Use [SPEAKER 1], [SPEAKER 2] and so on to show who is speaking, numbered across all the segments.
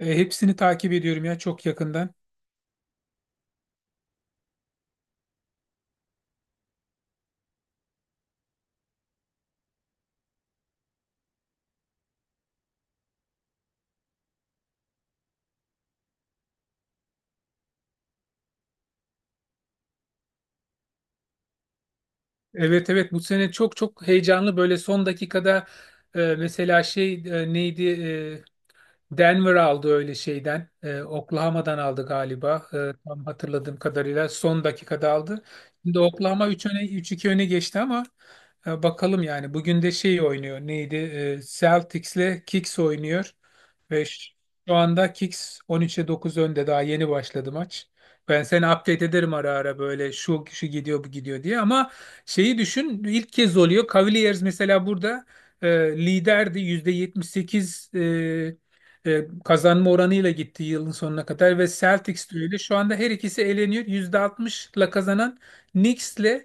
[SPEAKER 1] Hepsini takip ediyorum ya, çok yakından. Evet, evet, bu sene çok çok heyecanlı, böyle son dakikada mesela şey neydi Denver aldı öyle şeyden. Oklahoma'dan aldı galiba. Tam hatırladığım kadarıyla son dakikada aldı. Şimdi Oklahoma 3 öne üç iki öne geçti ama bakalım yani. Bugün de şey oynuyor. Neydi? Celtics'le Kicks oynuyor. Ve şu anda Kicks 13'e 9 önde. Daha yeni başladı maç. Ben seni update ederim ara ara, böyle şu kişi gidiyor bu gidiyor diye, ama şeyi düşün, ilk kez oluyor. Cavaliers mesela burada e, liderdi, %78 kazanma oranıyla gitti yılın sonuna kadar, ve Celtics de öyle. Şu anda her ikisi eleniyor. %60'la kazanan Knicks'le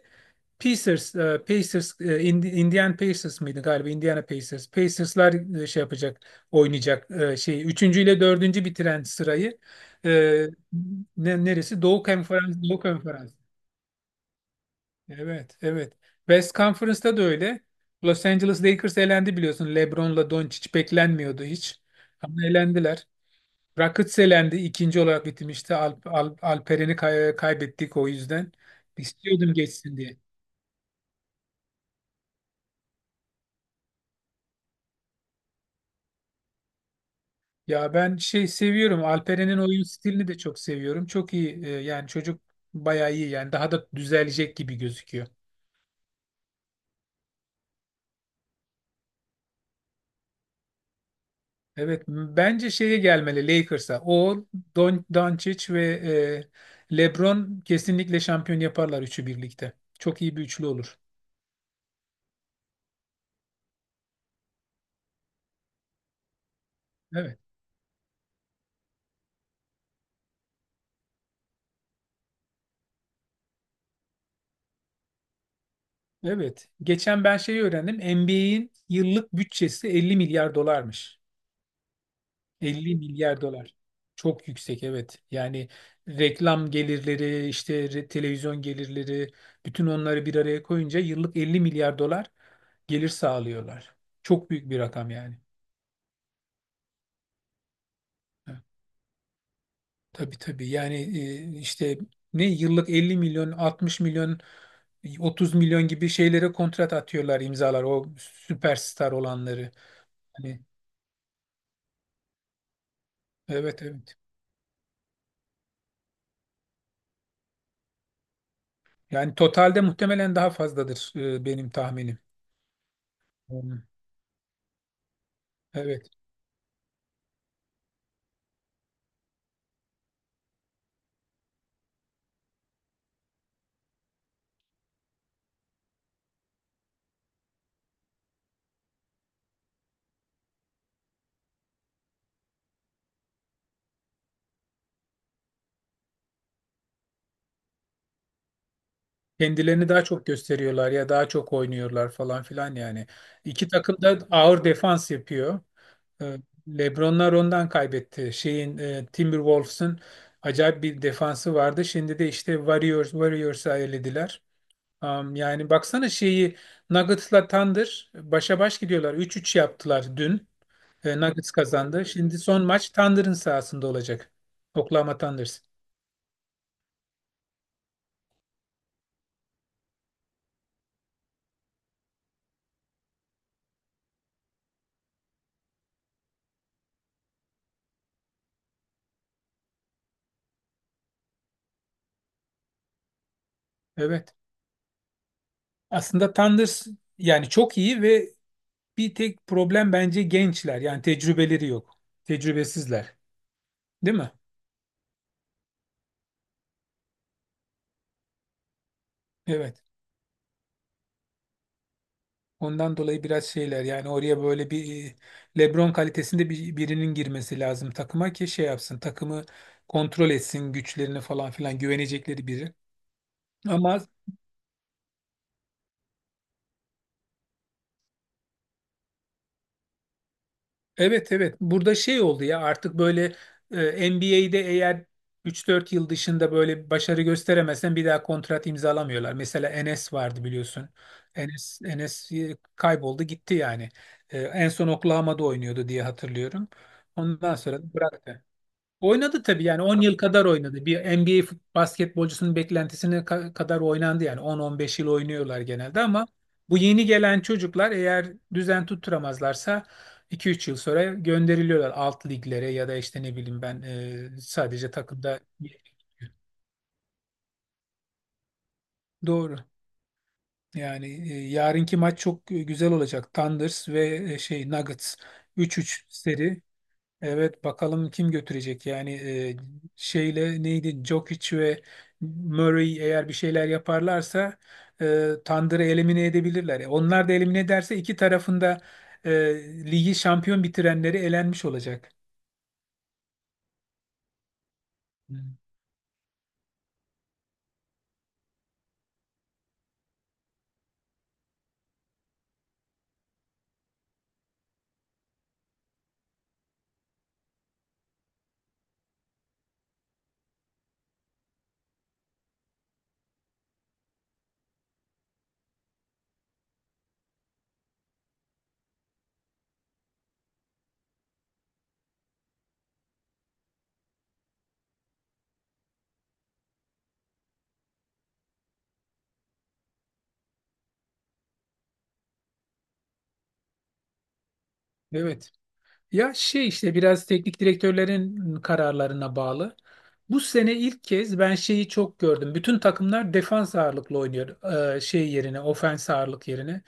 [SPEAKER 1] Indiana Pacers mıydı galiba? Indiana Pacers. Pacers'lar şey yapacak, oynayacak şey. Üçüncü ile dördüncü bitiren sırayı. e, Neresi? Doğu Konferans, Doğu Konferans. Evet, evet. West Conference'da da öyle. Los Angeles Lakers elendi biliyorsun. LeBron'la Doncic beklenmiyordu hiç. Ama elendiler. Rakitic elendi, ikinci olarak bitirmişti. Alperen'i kaybettik o yüzden. İstiyordum geçsin diye. Ya ben şey seviyorum. Alperen'in oyun stilini de çok seviyorum. Çok iyi. Yani çocuk bayağı iyi. Yani daha da düzelecek gibi gözüküyor. Evet. Bence şeye gelmeli, Lakers'a. Doncic ve LeBron kesinlikle şampiyon yaparlar üçü birlikte. Çok iyi bir üçlü olur. Evet. Evet. Geçen ben şeyi öğrendim. NBA'in yıllık bütçesi 50 milyar dolarmış. 50 milyar dolar. Çok yüksek, evet. Yani reklam gelirleri, işte televizyon gelirleri, bütün onları bir araya koyunca yıllık 50 milyar dolar gelir sağlıyorlar. Çok büyük bir rakam yani. Ha, tabii, tabii. Yani işte ne, yıllık 50 milyon, 60 milyon, 30 milyon gibi şeylere kontrat atıyorlar, imzalar o süperstar olanları. Hani evet, evet. Yani totalde muhtemelen daha fazladır, benim tahminim. Hmm. Evet. Kendilerini daha çok gösteriyorlar ya, daha çok oynuyorlar falan filan yani. İki takım da ağır defans yapıyor. Ee, LeBronlar ondan kaybetti. Şeyin Timberwolves'ın acayip bir defansı vardı. Şimdi de işte Warriors'a elediler. Yani baksana şeyi, Nuggets'la Thunder başa baş gidiyorlar. 3-3 yaptılar dün. Nuggets kazandı. Şimdi son maç Thunder'ın sahasında olacak. Oklahoma Thunders. Evet. Aslında Thunder yani çok iyi, ve bir tek problem bence gençler. Yani tecrübeleri yok. Tecrübesizler. Değil mi? Evet. Ondan dolayı biraz şeyler yani, oraya böyle bir LeBron kalitesinde birinin girmesi lazım takıma, ki şey yapsın takımı, kontrol etsin güçlerini falan filan, güvenecekleri biri. Ama evet, evet, burada şey oldu ya, artık böyle NBA'de eğer üç dört yıl dışında böyle bir başarı gösteremezsen bir daha kontrat imzalamıyorlar. Mesela Enes vardı biliyorsun. Enes kayboldu gitti yani. En son Oklahoma'da oynuyordu diye hatırlıyorum. Ondan sonra da bıraktı. Oynadı tabii, yani 10 yıl kadar oynadı. Bir NBA basketbolcusunun beklentisine kadar oynandı yani, 10-15 yıl oynuyorlar genelde, ama bu yeni gelen çocuklar eğer düzen tutturamazlarsa 2-3 yıl sonra gönderiliyorlar alt liglere, ya da işte ne bileyim ben, sadece takımda Doğru. Yani yarınki maç çok güzel olacak. Thunders ve şey Nuggets, 3-3 seri. Evet, bakalım kim götürecek yani, şeyle neydi, Djokic ve Murray eğer bir şeyler yaparlarsa Thunder'ı elimine edebilirler. Onlar da elimine ederse iki tarafında e, ligi şampiyon bitirenleri elenmiş olacak. Hı. Evet. Ya şey, işte biraz teknik direktörlerin kararlarına bağlı. Bu sene ilk kez ben şeyi çok gördüm. Bütün takımlar defans ağırlıklı oynuyor. Şey yerine, ofens ağırlık yerine.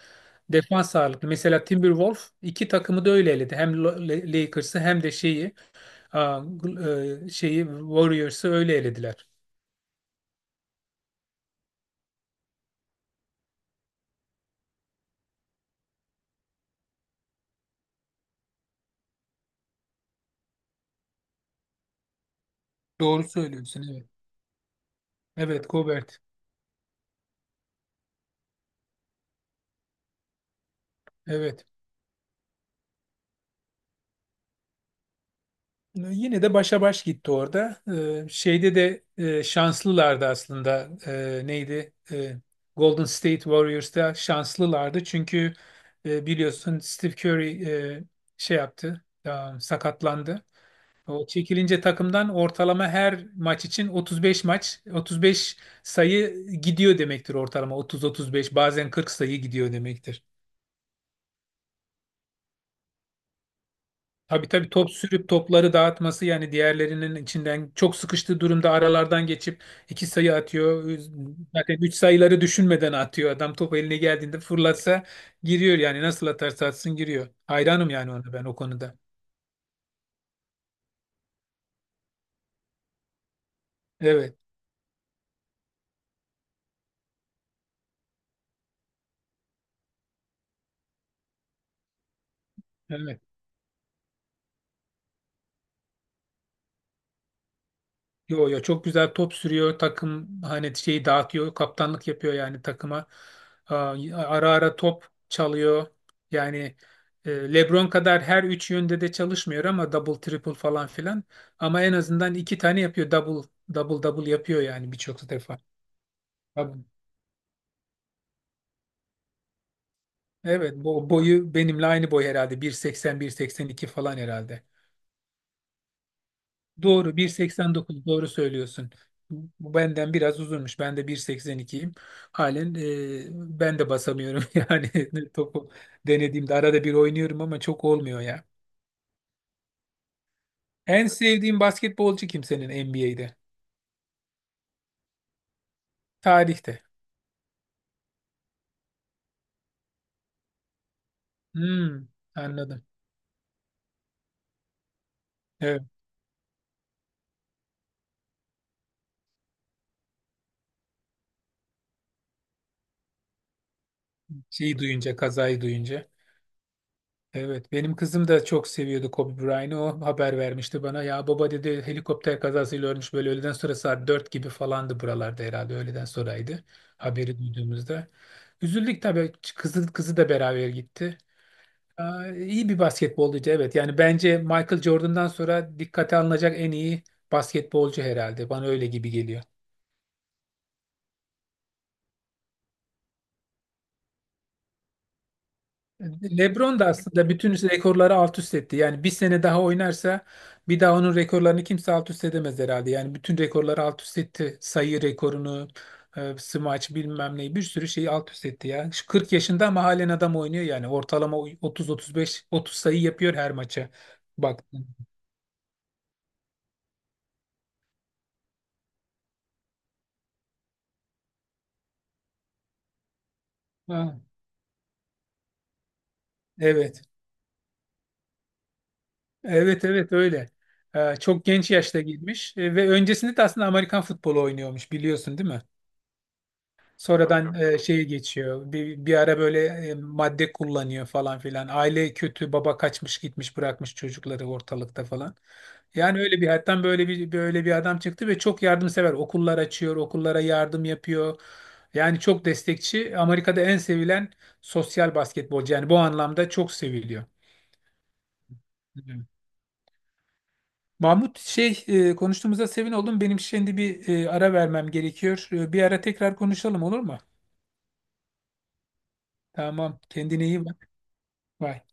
[SPEAKER 1] Defans ağırlıklı. Mesela Timberwolves iki takımı da öyle eledi. Hem Lakers'ı, hem de şeyi, şeyi Warriors'ı öyle elediler. Doğru söylüyorsun, evet. Evet, Gobert. Evet. Yine de başa baş gitti orada. Şeyde de şanslılardı aslında. Neydi? Golden State Warriors'ta şanslılardı. Çünkü biliyorsun Steve Curry şey yaptı. Sakatlandı. O çekilince takımdan ortalama her maç için 35 maç, 35 sayı gidiyor demektir ortalama. 30-35, bazen 40 sayı gidiyor demektir. Tabii, tabii, top sürüp topları dağıtması yani, diğerlerinin içinden çok sıkıştığı durumda aralardan geçip iki sayı atıyor. Zaten üç sayıları düşünmeden atıyor. Adam top eline geldiğinde fırlatsa giriyor yani, nasıl atarsa atsın giriyor. Hayranım yani ona, ben o konuda. Evet. Evet. Yo, yo, çok güzel top sürüyor takım, hani şeyi dağıtıyor, kaptanlık yapıyor yani takıma. Aa, ara ara top çalıyor yani, LeBron kadar her üç yönde de çalışmıyor ama double triple falan filan, ama en azından iki tane yapıyor, double double double yapıyor yani birçok defa. Tabii. Evet, boyu benimle aynı boy herhalde, 1.80 1.82 falan herhalde. Doğru, 1.89, doğru söylüyorsun. Bu benden biraz uzunmuş. Ben de 1.82'yim. Halen ben de basamıyorum yani, topu denediğimde arada bir oynuyorum ama çok olmuyor ya. En sevdiğim basketbolcu kim senin NBA'de? Tarihte. Hmm, anladım. Evet. Şeyi duyunca, kazayı duyunca. Evet, benim kızım da çok seviyordu Kobe Bryant'ı. O haber vermişti bana. Ya baba dedi, helikopter kazasıyla ölmüş, böyle öğleden sonra saat 4 gibi falandı buralarda, herhalde öğleden sonraydı, haberi duyduğumuzda. Üzüldük tabii. Kızı da beraber gitti. Aa, iyi bir basketbolcuydu, evet. Yani bence Michael Jordan'dan sonra dikkate alınacak en iyi basketbolcu herhalde. Bana öyle gibi geliyor. LeBron da aslında bütün rekorları alt üst etti. Yani bir sene daha oynarsa, bir daha onun rekorlarını kimse alt üst edemez herhalde. Yani bütün rekorları alt üst etti. Sayı rekorunu, smaç bilmem neyi, bir sürü şeyi alt üst etti ya. Şu 40 yaşında ama halen adam oynuyor yani. Ortalama 30-35, 30 sayı yapıyor her maça. Baktın. Ha, evet. Evet, evet, öyle. Çok genç yaşta girmiş. Ve öncesinde de aslında Amerikan futbolu oynuyormuş, biliyorsun değil mi? Sonradan şeye geçiyor. Bir ara böyle madde kullanıyor falan filan. Aile kötü, baba kaçmış gitmiş, bırakmış çocukları ortalıkta falan. Yani öyle bir hayattan böyle bir adam çıktı, ve çok yardımsever. Okullar açıyor, okullara yardım yapıyor. Yani çok destekçi. Amerika'da en sevilen sosyal basketbolcu. Yani bu anlamda çok seviliyor. Hı. Mahmut, şey, konuştuğumuza sevin oldum. Benim şimdi bir ara vermem gerekiyor. Bir ara tekrar konuşalım, olur mu? Tamam. Kendine iyi bak. Bye.